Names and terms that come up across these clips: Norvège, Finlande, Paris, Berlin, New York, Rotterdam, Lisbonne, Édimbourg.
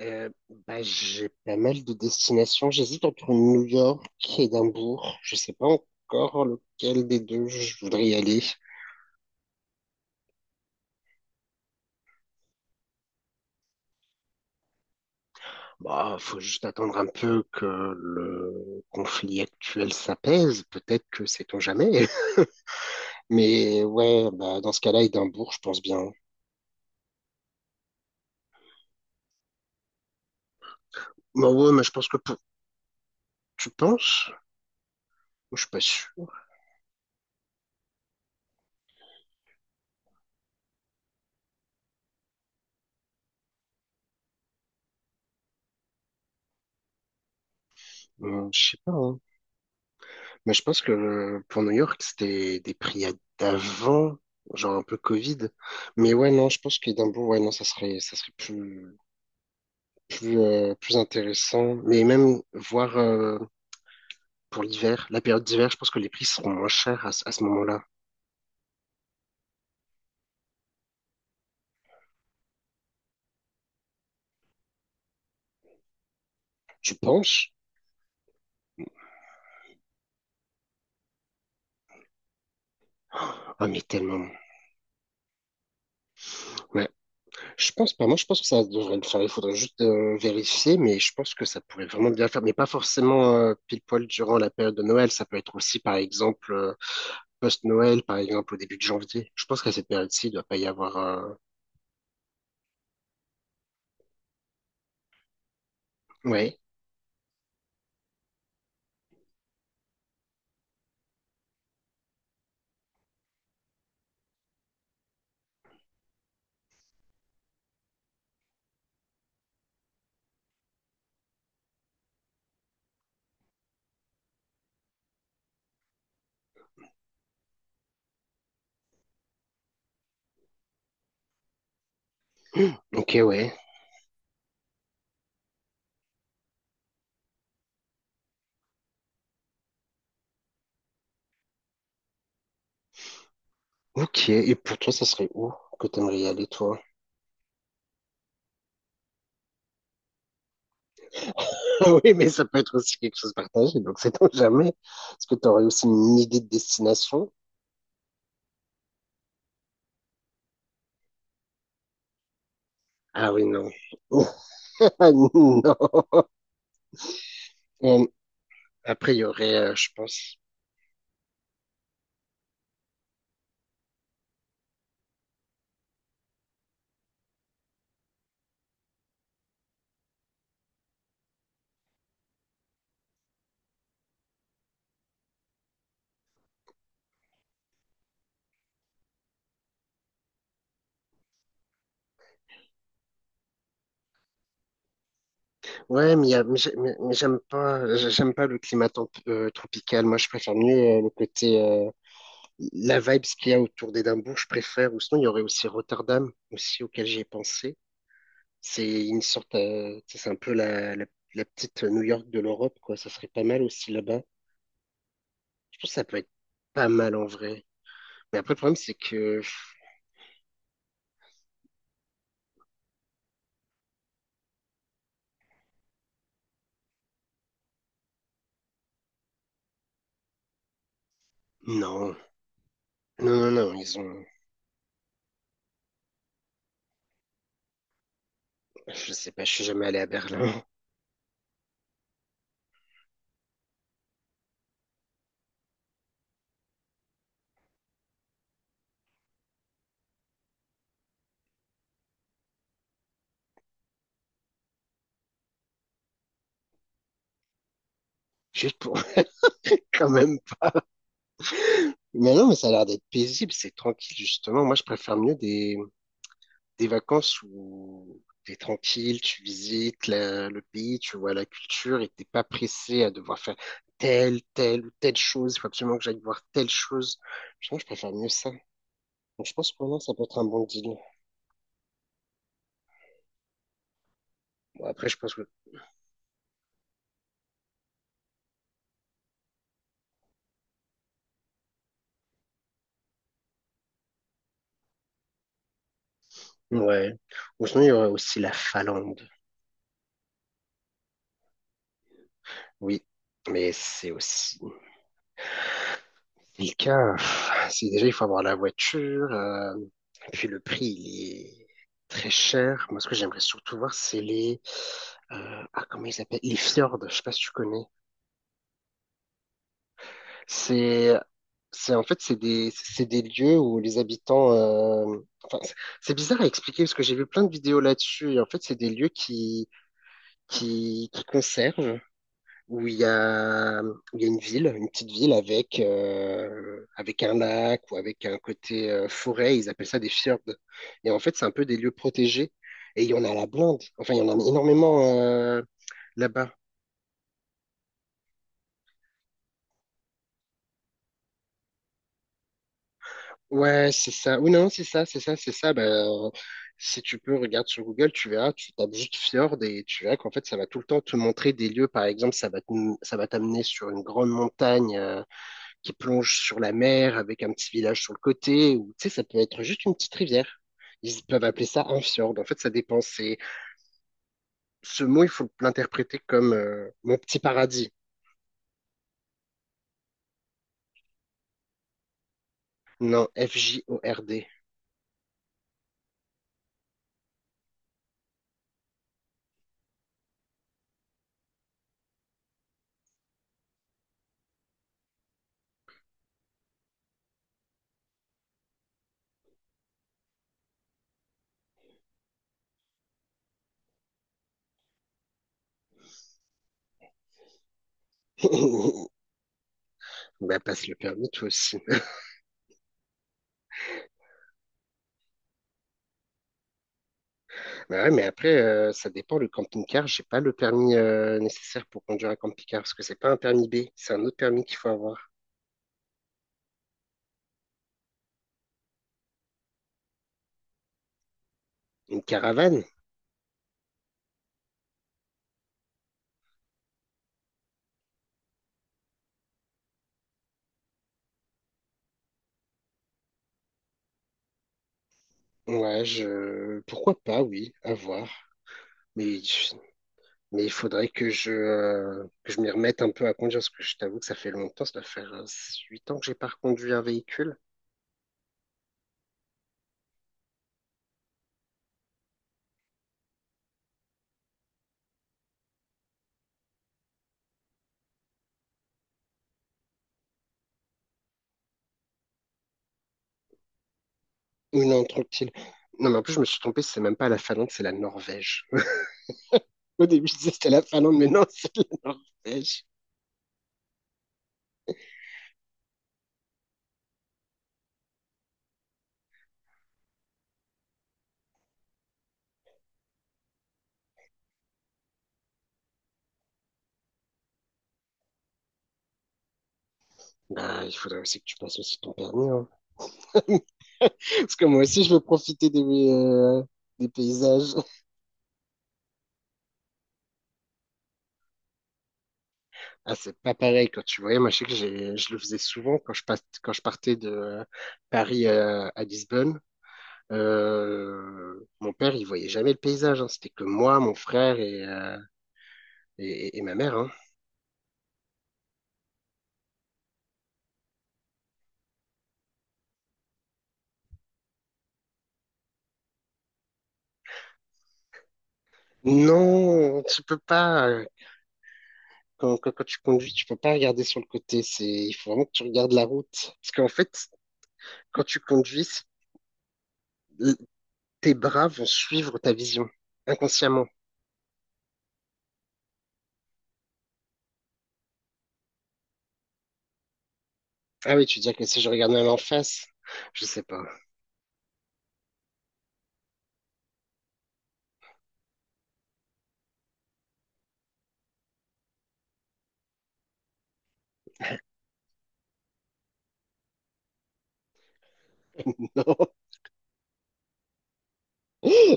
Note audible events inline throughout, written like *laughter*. Euh, j'ai pas mal de destinations. J'hésite entre New York et Édimbourg. Je sais pas encore lequel des deux je voudrais y aller. Bah, faut juste attendre un peu que le conflit actuel s'apaise. Peut-être que sait-on jamais. *laughs* Mais ouais, bah, dans ce cas-là, Édimbourg, je pense bien. Bah ouais, mais je pense que pour- tu penses? Je suis pas sûr. Je sais pas, hein. Mais je pense que pour New York, c'était des prix à- d'avant, genre un peu Covid. Mais ouais, non, je pense qu'Édimbourg, ouais, non, ça serait plus, plus, plus intéressant. Mais même voir pour l'hiver, la période d'hiver, je pense que les prix seront moins chers à ce moment-là. Tu penses? Ah, mais tellement. Je pense pas. Moi, je pense que ça devrait le faire. Il faudrait juste vérifier, mais je pense que ça pourrait vraiment bien le faire. Mais pas forcément pile poil durant la période de Noël. Ça peut être aussi, par exemple, post-Noël, par exemple, au début de janvier. Je pense qu'à cette période-ci, il doit pas y avoir. Ouais. Ok, ouais. Ok. Et pour toi, ça serait où que t'aimerais y aller, toi? *laughs* Ah oui, mais ça peut être aussi quelque chose de partagé. Donc, c'est on jamais. Est-ce que t'aurais aussi une idée de destination? Ah oui, non. *laughs* Non. Euh, après, il y aurait, je pense. Ouais, mais, y a- mais j'ai- mais- mais j'aime pas le climat temp- tropical. Moi, je préfère mieux le côté, la vibe qu'il y a autour d'Édimbourg, je préfère. Ou sinon, il y aurait aussi Rotterdam, aussi auquel j'y ai pensé. C'est une sorte, tu sais, c'est un peu la petite New York de l'Europe, quoi. Ça serait pas mal aussi là-bas. Je pense que ça peut être pas mal en vrai. Mais après, le problème, c'est que pff, non, non, non, non, ils ont, je sais pas, je suis jamais allé à Berlin. *laughs* Juste pour *laughs* quand même. Mais non, mais ça a l'air d'être paisible, c'est tranquille, justement. Moi, je préfère mieux des vacances où t'es tranquille, tu visites la- le pays, tu vois la culture et t'es pas pressé à devoir faire telle, telle ou telle chose. Il faut absolument que j'aille voir telle chose. Je pense que je préfère mieux ça. Donc, je pense que pour moi, ça peut être un bon deal. Bon, après, je pense que, ouais. Ou sinon, il y aurait aussi la Finlande. Oui. Mais c'est aussi quelqu'un, pff, c'est déjà, il faut avoir la voiture, et puis le prix, il est très cher. Moi, ce que j'aimerais surtout voir, c'est les, ah, comment ils s'appellent? Les fjords, je sais pas si tu connais. C'est, en fait, c'est des lieux où les habitants, enfin, c'est bizarre à expliquer parce que j'ai vu plein de vidéos là-dessus, et en fait, c'est des lieux qui conservent. Où il y a, où il y a une ville, une petite ville avec, avec un lac ou avec un côté forêt. Ils appellent ça des fjords. Et en fait, c'est un peu des lieux protégés. Et il y en a à la blinde. Enfin, il y en a énormément là-bas. Ouais, c'est ça. Ou non, c'est ça. Ben si tu peux, regarde sur Google, tu verras, tu tapes juste fjord et tu verras qu'en fait, ça va tout le temps te montrer des lieux. Par exemple, ça va t'amener sur une grande montagne, qui plonge sur la mer avec un petit village sur le côté, ou tu sais, ça peut être juste une petite rivière. Ils peuvent appeler ça un fjord. En fait, ça dépend. C'est- ce mot, il faut l'interpréter comme mon petit paradis. Non, F-J-O-R-D. *laughs* Bah, passe le permis, toi aussi. *laughs* Bah ouais, mais après, ça dépend. Le camping-car, j'ai pas le permis nécessaire pour conduire un camping-car parce que c'est pas un permis B, c'est un autre permis qu'il faut avoir. Une caravane? Ouais, je... pourquoi pas, oui, à voir. Mais Mais il faudrait que je m'y remette un peu à conduire, parce que je t'avoue que ça fait longtemps, ça doit faire 8 ans que j'ai pas reconduit un véhicule. Ou non, tranquille. Non, mais en plus, je me suis trompé, c'est même pas la Finlande, c'est la Norvège. *laughs* Au début, je disais c'était la Finlande, mais non, *laughs* c'est la Norvège. Bah, il faudrait aussi que tu passes aussi ton permis, hein. *laughs* Parce que moi aussi, je veux profiter des paysages. Ah, c'est pas pareil quand tu voyais. Moi, je sais que j'ai- je le faisais souvent quand je, passe- quand je partais de Paris à Lisbonne. Mon père, il voyait jamais le paysage, hein. C'était que moi, mon frère et, et ma mère, hein. Non, tu peux pas, quand tu conduis, tu peux pas regarder sur le côté. C'est, il faut vraiment que tu regardes la route. Parce qu'en fait, quand tu conduis, c'est- tes bras vont suivre ta vision, inconsciemment. Ah oui, tu dis que si je regardais en face, je sais pas. *laughs* Non.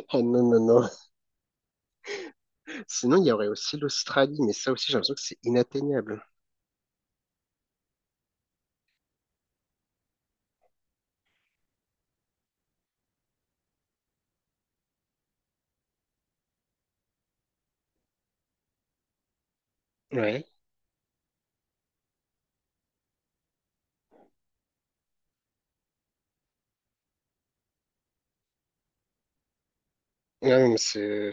Ah non, non, non. Sinon, il y aurait aussi l'Australie, mais ça aussi, j'ai l'impression que c'est inatteignable. Ouais. Non, mais c'est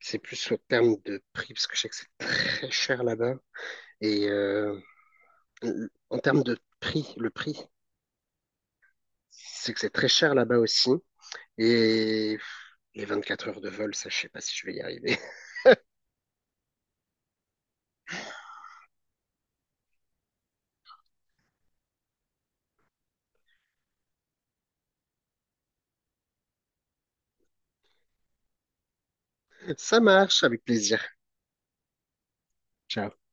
C'est plus en termes de prix, parce que je sais que c'est très cher là-bas. Et en termes de prix, le prix, c'est que c'est très cher là-bas aussi. Et les 24 heures de vol, ça, je sais pas si je vais y arriver. *laughs* Ça marche, avec plaisir. Ciao.